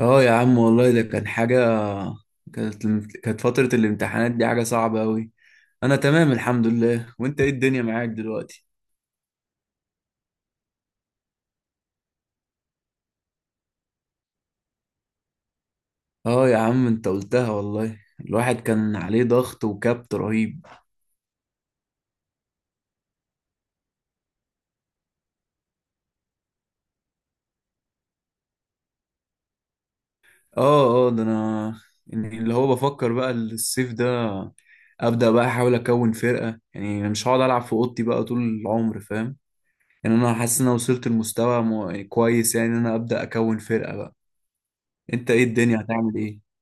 اه يا عم والله ده كان حاجة. كانت كانت فترة الامتحانات دي حاجة صعبة أوي. أنا تمام الحمد لله. وأنت إيه الدنيا معاك دلوقتي؟ اه يا عم، أنت قلتها والله، الواحد كان عليه ضغط وكبت رهيب. اه اه، ده أنا يعني اللي هو بفكر بقى الصيف ده أبدأ بقى أحاول أكون فرقة. يعني أنا مش هقعد ألعب في أوضتي بقى طول العمر، فاهم؟ يعني أنا حاسس إن أنا وصلت لمستوى كويس، يعني إن أنا أبدأ أكون فرقة بقى. أنت إيه الدنيا هتعمل إيه؟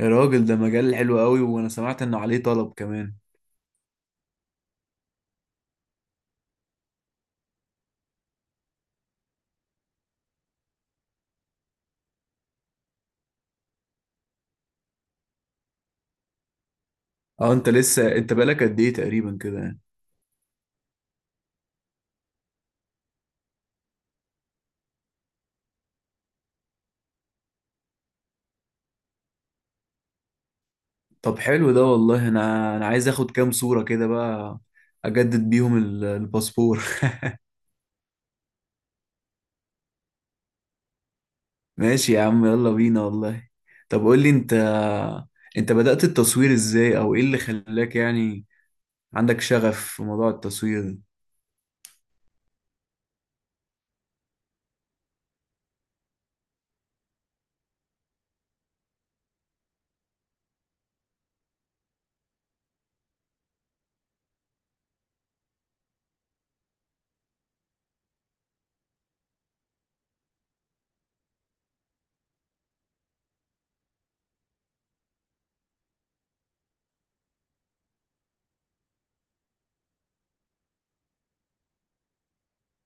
يا راجل، ده مجال حلو قوي، وانا سمعت انه عليه طلب كمان. اه، انت لسه، انت بقالك قد ايه تقريبا كده يعني؟ طب حلو ده والله. انا عايز اخد كام صورة كده بقى، اجدد بيهم الباسبور. ماشي يا عم، يلا بينا والله. طب قول لي انت، انت بدأت التصوير ازاي، او ايه اللي خلاك يعني عندك شغف في موضوع التصوير ده؟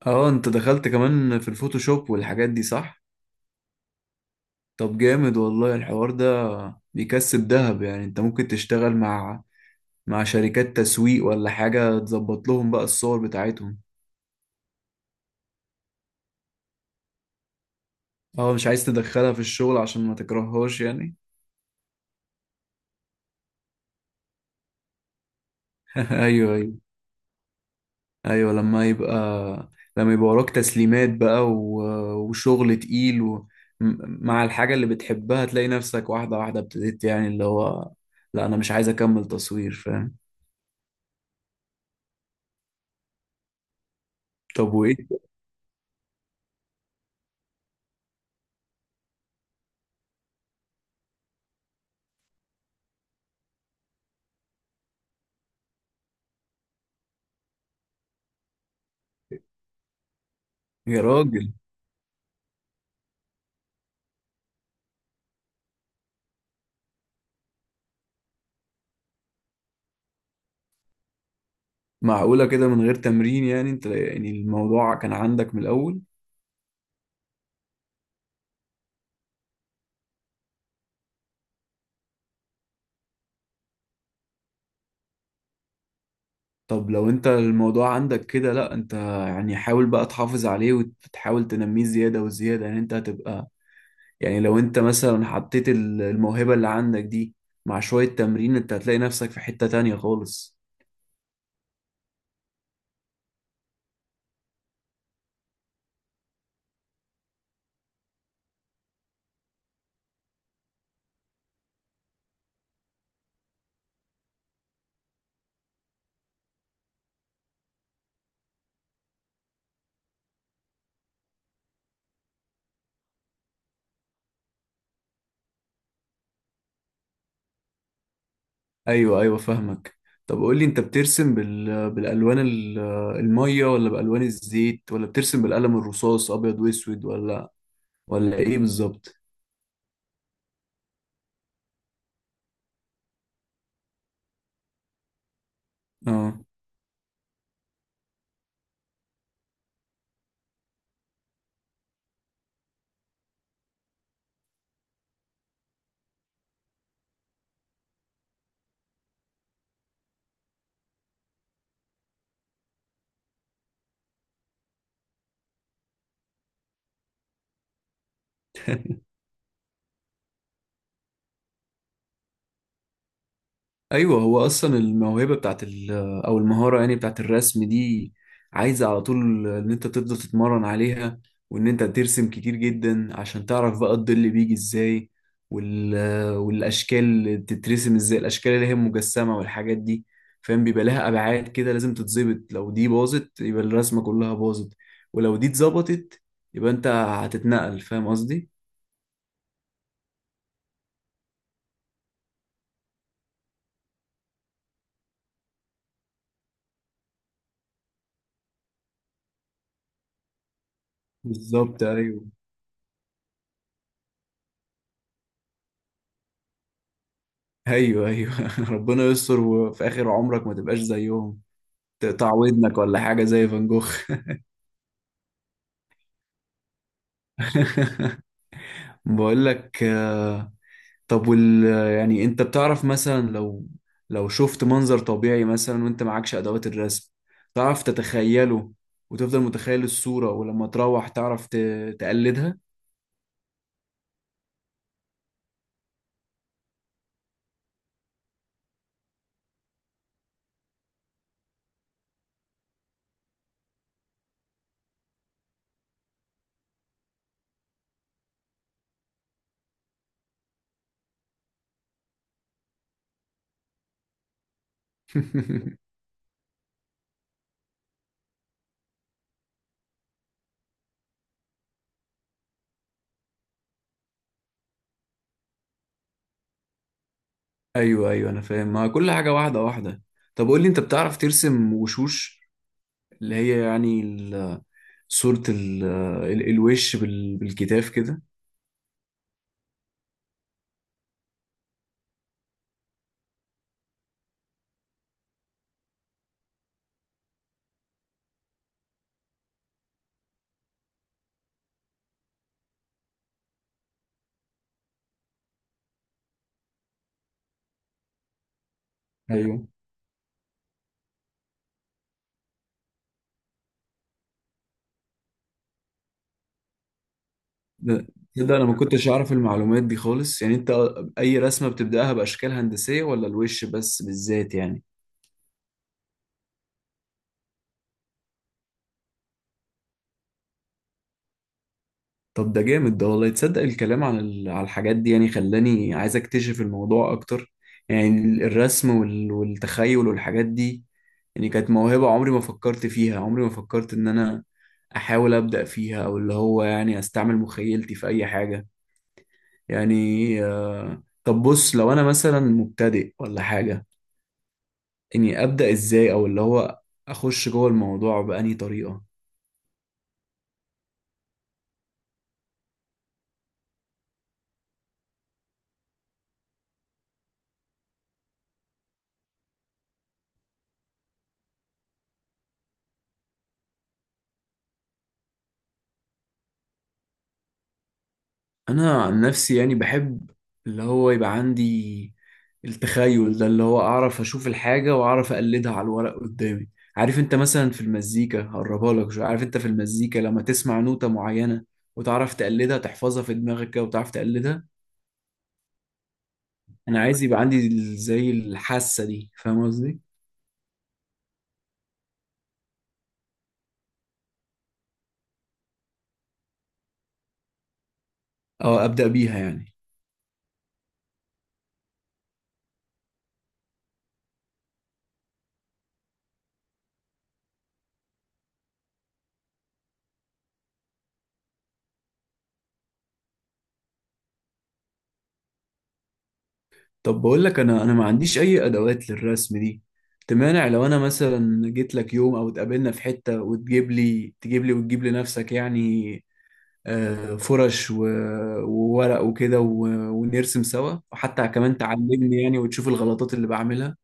اه انت دخلت كمان في الفوتوشوب والحاجات دي، صح؟ طب جامد والله الحوار ده، بيكسب دهب، يعني انت ممكن تشتغل مع شركات تسويق ولا حاجة تظبط لهم بقى الصور بتاعتهم. اه مش عايز تدخلها في الشغل عشان ما تكرههاش يعني. ايوه ايوه. ايوه لما يبقى وراك تسليمات بقى، و... وشغل تقيل، و... مع الحاجة اللي بتحبها تلاقي نفسك واحدة واحدة ابتديت، يعني اللي هو لا انا مش عايز اكمل تصوير، فاهم؟ طب وايه؟ يا راجل، معقولة كده من غير تمرين؟ يعني انت يعني الموضوع كان عندك من الاول؟ طب لو انت الموضوع عندك كده، لا، انت يعني حاول بقى تحافظ عليه وتحاول تنميه زيادة وزيادة، يعني انت هتبقى. يعني لو انت مثلا حطيت الموهبة اللي عندك دي مع شوية تمرين، انت هتلاقي نفسك في حتة تانية خالص. ايوه ايوه فاهمك. طب قولي انت، بترسم بالالوان المية، ولا بالوان الزيت، ولا بترسم بالقلم الرصاص ابيض واسود، ولا ايه بالظبط؟ اه. ايوه هو اصلا الموهبه بتاعت او المهاره يعني بتاعت الرسم دي عايزه على طول ان انت تفضل تتمرن عليها، وان انت ترسم كتير جدا عشان تعرف بقى الظل بيجي ازاي وال والاشكال تترسم ازاي، الاشكال اللي هي مجسمه والحاجات دي، فاهم؟ بيبقى لها ابعاد كده لازم تتظبط، لو دي باظت يبقى الرسمه كلها باظت، ولو دي اتظبطت يبقى انت هتتنقل، فاهم قصدي؟ بالظبط ايوه ايوه ايوه. ربنا يستر وفي اخر عمرك ما تبقاش زيهم، تقطع ودنك ولا حاجة زي فان جوخ. بقول لك، طب يعني انت بتعرف مثلا لو شفت منظر طبيعي مثلا وانت معكش ادوات الرسم، تعرف تتخيله وتفضل متخيل الصورة ولما تروح تعرف تقلدها؟ ايوه ايوه، انا فاهم، ما كل حاجة واحدة واحدة. طب قول لي، انت بتعرف ترسم وشوش؟ اللي هي يعني صورة الوش بالكتاف كده؟ ايوه. ده ده انا ما كنتش اعرف المعلومات دي خالص يعني، انت اي رسمه بتبداها باشكال هندسيه، ولا الوش بس بالذات يعني؟ طب ده جامد ده والله، تصدق الكلام عن على الحاجات دي يعني خلاني عايز اكتشف الموضوع اكتر، يعني الرسم والتخيل والحاجات دي، يعني كانت موهبه عمري ما فكرت فيها، عمري ما فكرت ان انا احاول ابدا فيها، او اللي هو يعني استعمل مخيلتي في اي حاجه يعني. طب بص، لو انا مثلا مبتدئ ولا حاجه، اني ابدا ازاي، او اللي هو اخش جوه الموضوع بأنهي طريقه؟ انا عن نفسي يعني بحب اللي هو يبقى عندي التخيل ده، اللي هو اعرف اشوف الحاجه واعرف اقلدها على الورق قدامي. عارف انت مثلا في المزيكا، هقربها لك، شو، عارف انت في المزيكا لما تسمع نوتة معينه وتعرف تقلدها، تحفظها في دماغك كده وتعرف تقلدها. انا عايز يبقى عندي زي الحاسه دي، فاهم قصدي؟ او ابدا بيها يعني؟ طب بقول لك، انا ما عنديش اي ادوات للرسم دي. تمانع لو انا مثلا جيت لك يوم او اتقابلنا في حتة وتجيب لي تجيب لي وتجيب لنفسك يعني، فرش وورق وكده، ونرسم سوا، وحتى كمان تعلمني يعني وتشوف الغلطات اللي بعملها.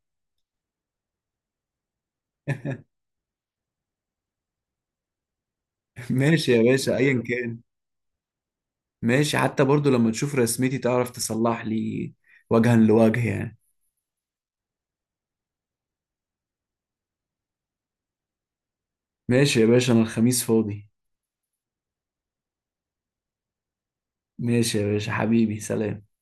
ماشي يا باشا، ايا كان. ماشي، حتى برضو لما تشوف رسمتي تعرف تصلح لي، وجها لوجه يعني. ماشي يا باشا، انا الخميس فاضي. ماشي يا باشا، حبيبي، سلام.